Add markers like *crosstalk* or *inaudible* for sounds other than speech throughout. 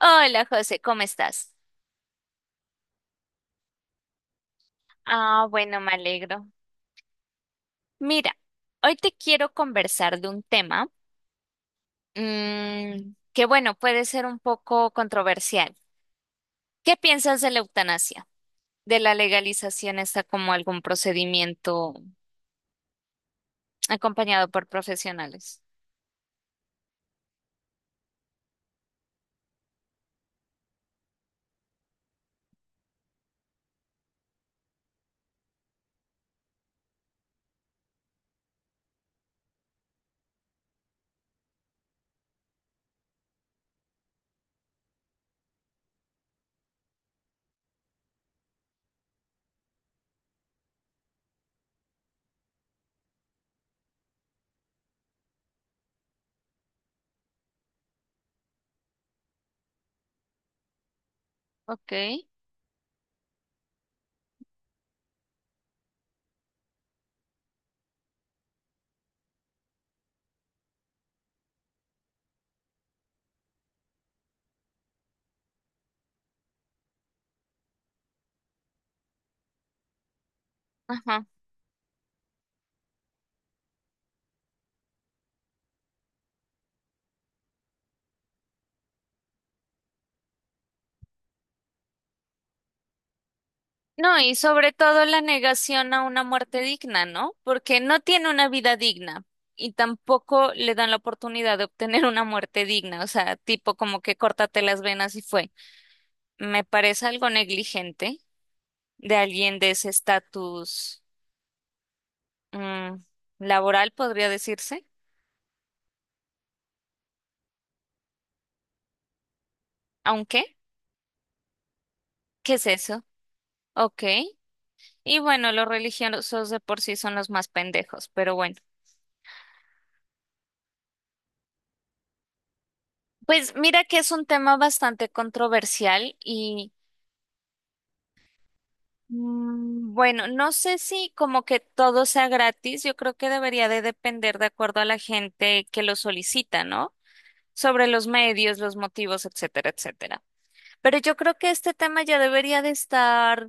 Hola José, ¿cómo estás? Ah, bueno, me alegro. Mira, hoy te quiero conversar de un tema que, bueno, puede ser un poco controversial. ¿Qué piensas de la eutanasia? ¿De la legalización está como algún procedimiento acompañado por profesionales? Ok. Ajá. No, y sobre todo la negación a una muerte digna, ¿no? Porque no tiene una vida digna y tampoco le dan la oportunidad de obtener una muerte digna, o sea, tipo como que córtate las venas y fue. Me parece algo negligente de alguien de ese estatus mm, laboral, podría decirse. Aunque, ¿qué es eso? Ok. Y bueno, los religiosos de por sí son los más pendejos, pero bueno. Pues mira que es un tema bastante controversial y... Mm, bueno, no sé si como que todo sea gratis, yo creo que debería de depender de acuerdo a la gente que lo solicita, ¿no? Sobre los medios, los motivos, etcétera, etcétera. Pero yo creo que este tema ya debería de estar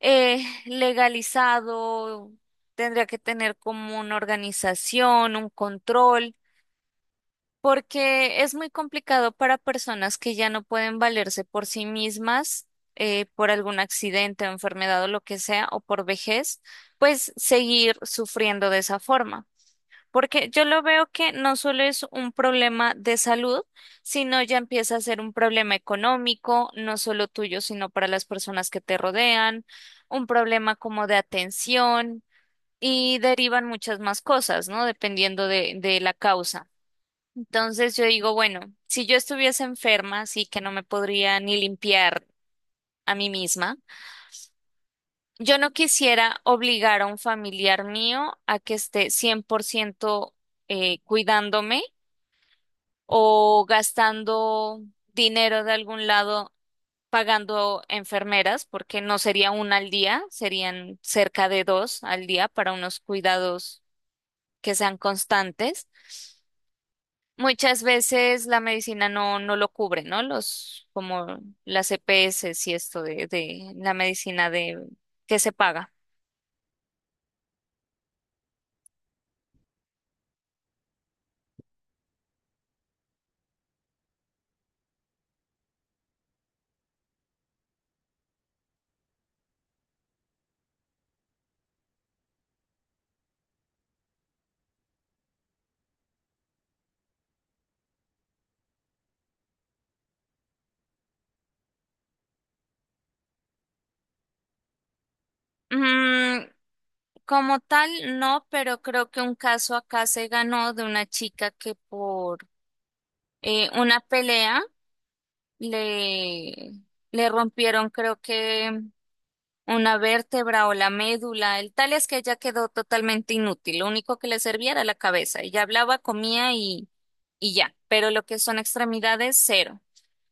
legalizado, tendría que tener como una organización, un control. Porque es muy complicado para personas que ya no pueden valerse por sí mismas, por algún accidente o enfermedad o lo que sea, o por vejez, pues seguir sufriendo de esa forma. Porque yo lo veo que no solo es un problema de salud, sino ya empieza a ser un problema económico, no solo tuyo, sino para las personas que te rodean, un problema como de atención y derivan muchas más cosas, ¿no? Dependiendo de la causa. Entonces yo digo, bueno, si yo estuviese enferma, así que no me podría ni limpiar a mí misma, yo no quisiera obligar a un familiar mío a que esté 100% cuidándome o gastando dinero de algún lado pagando enfermeras, porque no sería una al día, serían cerca de dos al día para unos cuidados que sean constantes. Muchas veces la medicina no lo cubre, ¿no? Los, como las EPS y esto de la medicina de que se paga. Mm, como tal, no, pero creo que un caso acá se ganó de una chica que por una pelea le, le rompieron, creo que una vértebra o la médula. El tal es que ella quedó totalmente inútil. Lo único que le servía era la cabeza. Ella hablaba, comía y ya. Pero lo que son extremidades, cero.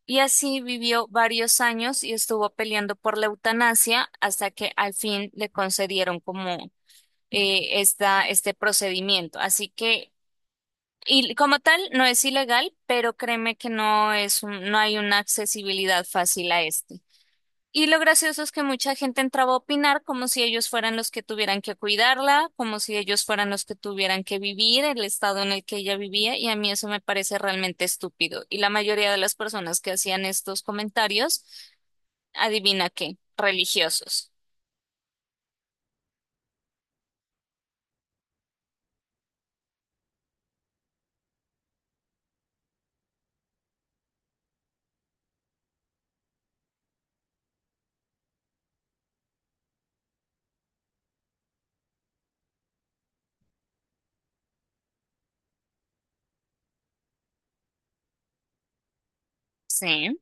Y así vivió varios años y estuvo peleando por la eutanasia hasta que al fin le concedieron como este procedimiento. Así que, y como tal, no es ilegal, pero créeme que no hay una accesibilidad fácil a esto. Y lo gracioso es que mucha gente entraba a opinar como si ellos fueran los que tuvieran que cuidarla, como si ellos fueran los que tuvieran que vivir el estado en el que ella vivía, y a mí eso me parece realmente estúpido. Y la mayoría de las personas que hacían estos comentarios, adivina qué, religiosos. Sí.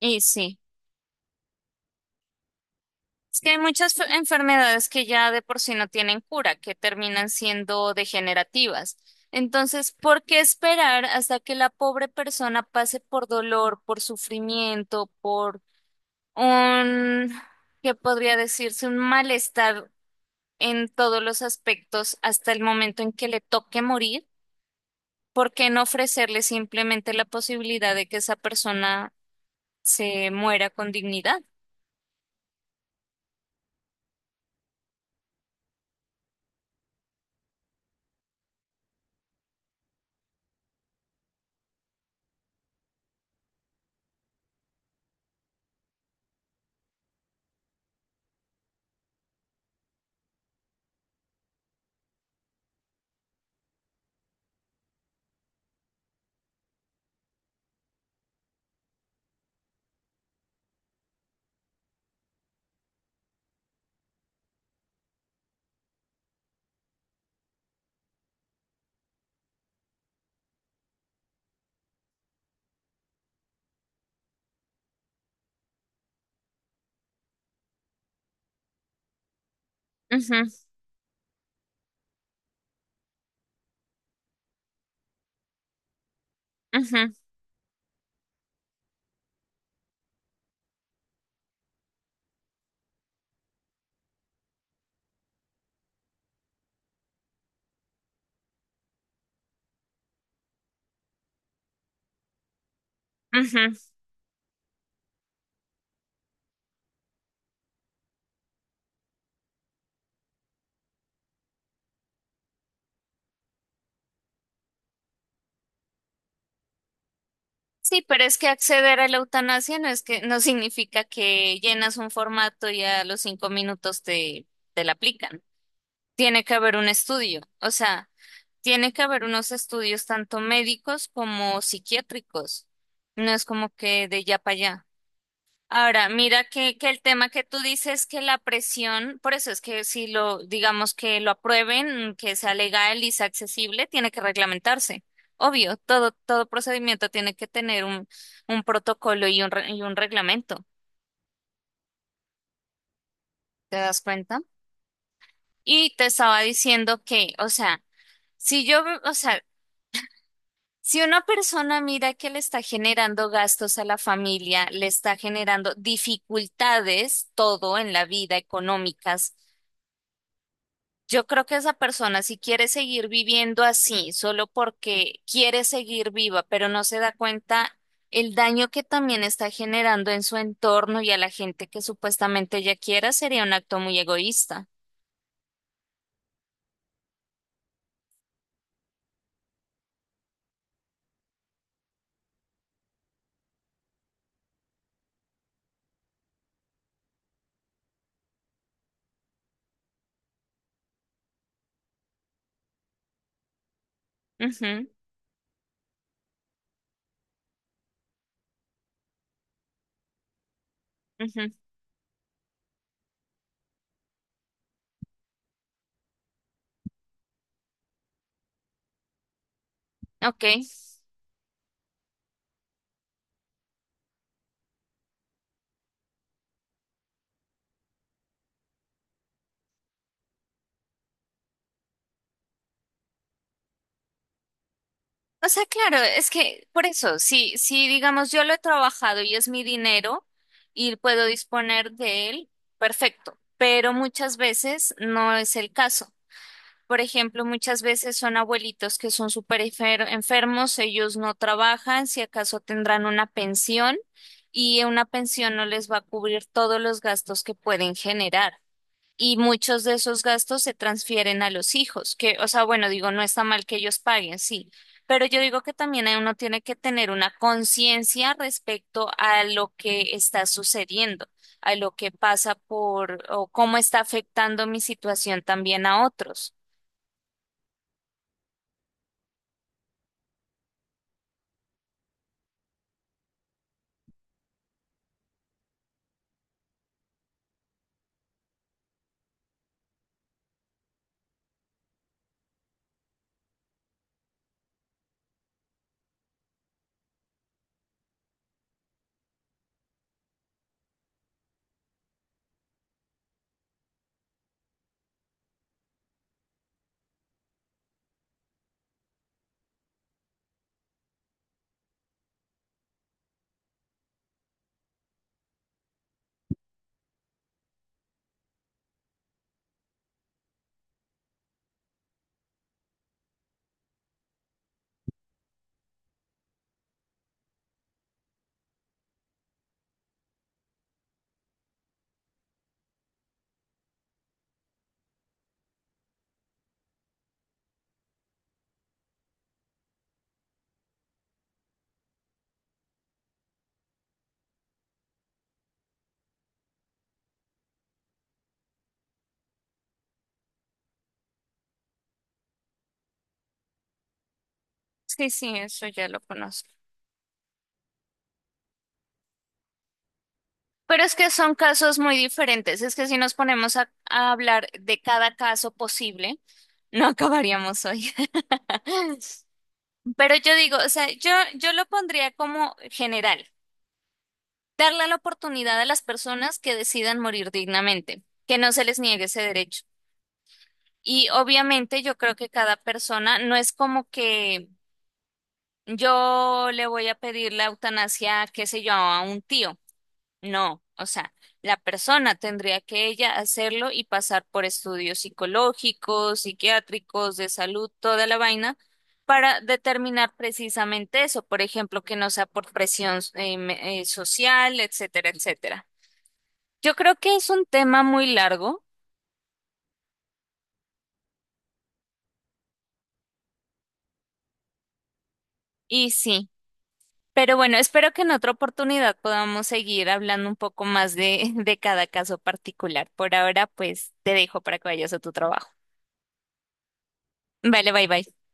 Y sí. Es que hay muchas enfermedades que ya de por sí no tienen cura, que terminan siendo degenerativas. Entonces, ¿por qué esperar hasta que la pobre persona pase por dolor, por sufrimiento, por un, ¿qué podría decirse? Un malestar en todos los aspectos hasta el momento en que le toque morir. ¿Por qué no ofrecerle simplemente la posibilidad de que esa persona se muera con dignidad? Ujú, ujú, ujú. Sí, pero es que acceder a la eutanasia no es que no significa que llenas un formato y a los 5 minutos te la aplican. Tiene que haber un estudio, o sea, tiene que haber unos estudios tanto médicos como psiquiátricos. No es como que de ya para allá. Ahora, mira que el tema que tú dices que la presión, por eso es que si lo, digamos que lo aprueben, que sea legal y sea accesible, tiene que reglamentarse. Obvio, todo procedimiento tiene que tener un protocolo y un, y un reglamento. ¿Te das cuenta? Y te estaba diciendo que, o sea, si yo, o sea, si una persona mira que le está generando gastos a la familia, le está generando dificultades, todo en la vida económicas. Yo creo que esa persona, si quiere seguir viviendo así, solo porque quiere seguir viva, pero no se da cuenta el daño que también está generando en su entorno y a la gente que supuestamente ella quiera, sería un acto muy egoísta. Ujú, ujú, Ok. O sea, claro, es que por eso, si digamos yo lo he trabajado y es mi dinero y puedo disponer de él, perfecto, pero muchas veces no es el caso. Por ejemplo, muchas veces son abuelitos que son enfermos, ellos no trabajan, si acaso tendrán una pensión y una pensión no les va a cubrir todos los gastos que pueden generar. Y muchos de esos gastos se transfieren a los hijos, que, o sea, bueno, digo, no está mal que ellos paguen, sí, pero yo digo que también uno tiene que tener una conciencia respecto a lo que está sucediendo, a lo que pasa por o cómo está afectando mi situación también a otros. Sí, sí, eso ya lo conozco. Pero es que son casos muy diferentes. Es que si nos ponemos a hablar de cada caso posible, *laughs* no acabaríamos hoy. *laughs* Pero yo digo, o sea, yo lo pondría como general, darle la oportunidad a las personas que decidan morir dignamente, que no se les niegue ese derecho. Y obviamente yo creo que cada persona no es como que yo le voy a pedir la eutanasia, qué sé yo, a un tío. No, o sea, la persona tendría que ella hacerlo y pasar por estudios psicológicos, psiquiátricos, de salud, toda la vaina, para determinar precisamente eso, por ejemplo, que no sea por presión social, etcétera, etcétera. Yo creo que es un tema muy largo y sí, pero bueno, espero que en otra oportunidad podamos seguir hablando un poco más de, *laughs* de cada caso particular. Por ahora, pues te dejo para que vayas a tu trabajo. Vale, bye bye.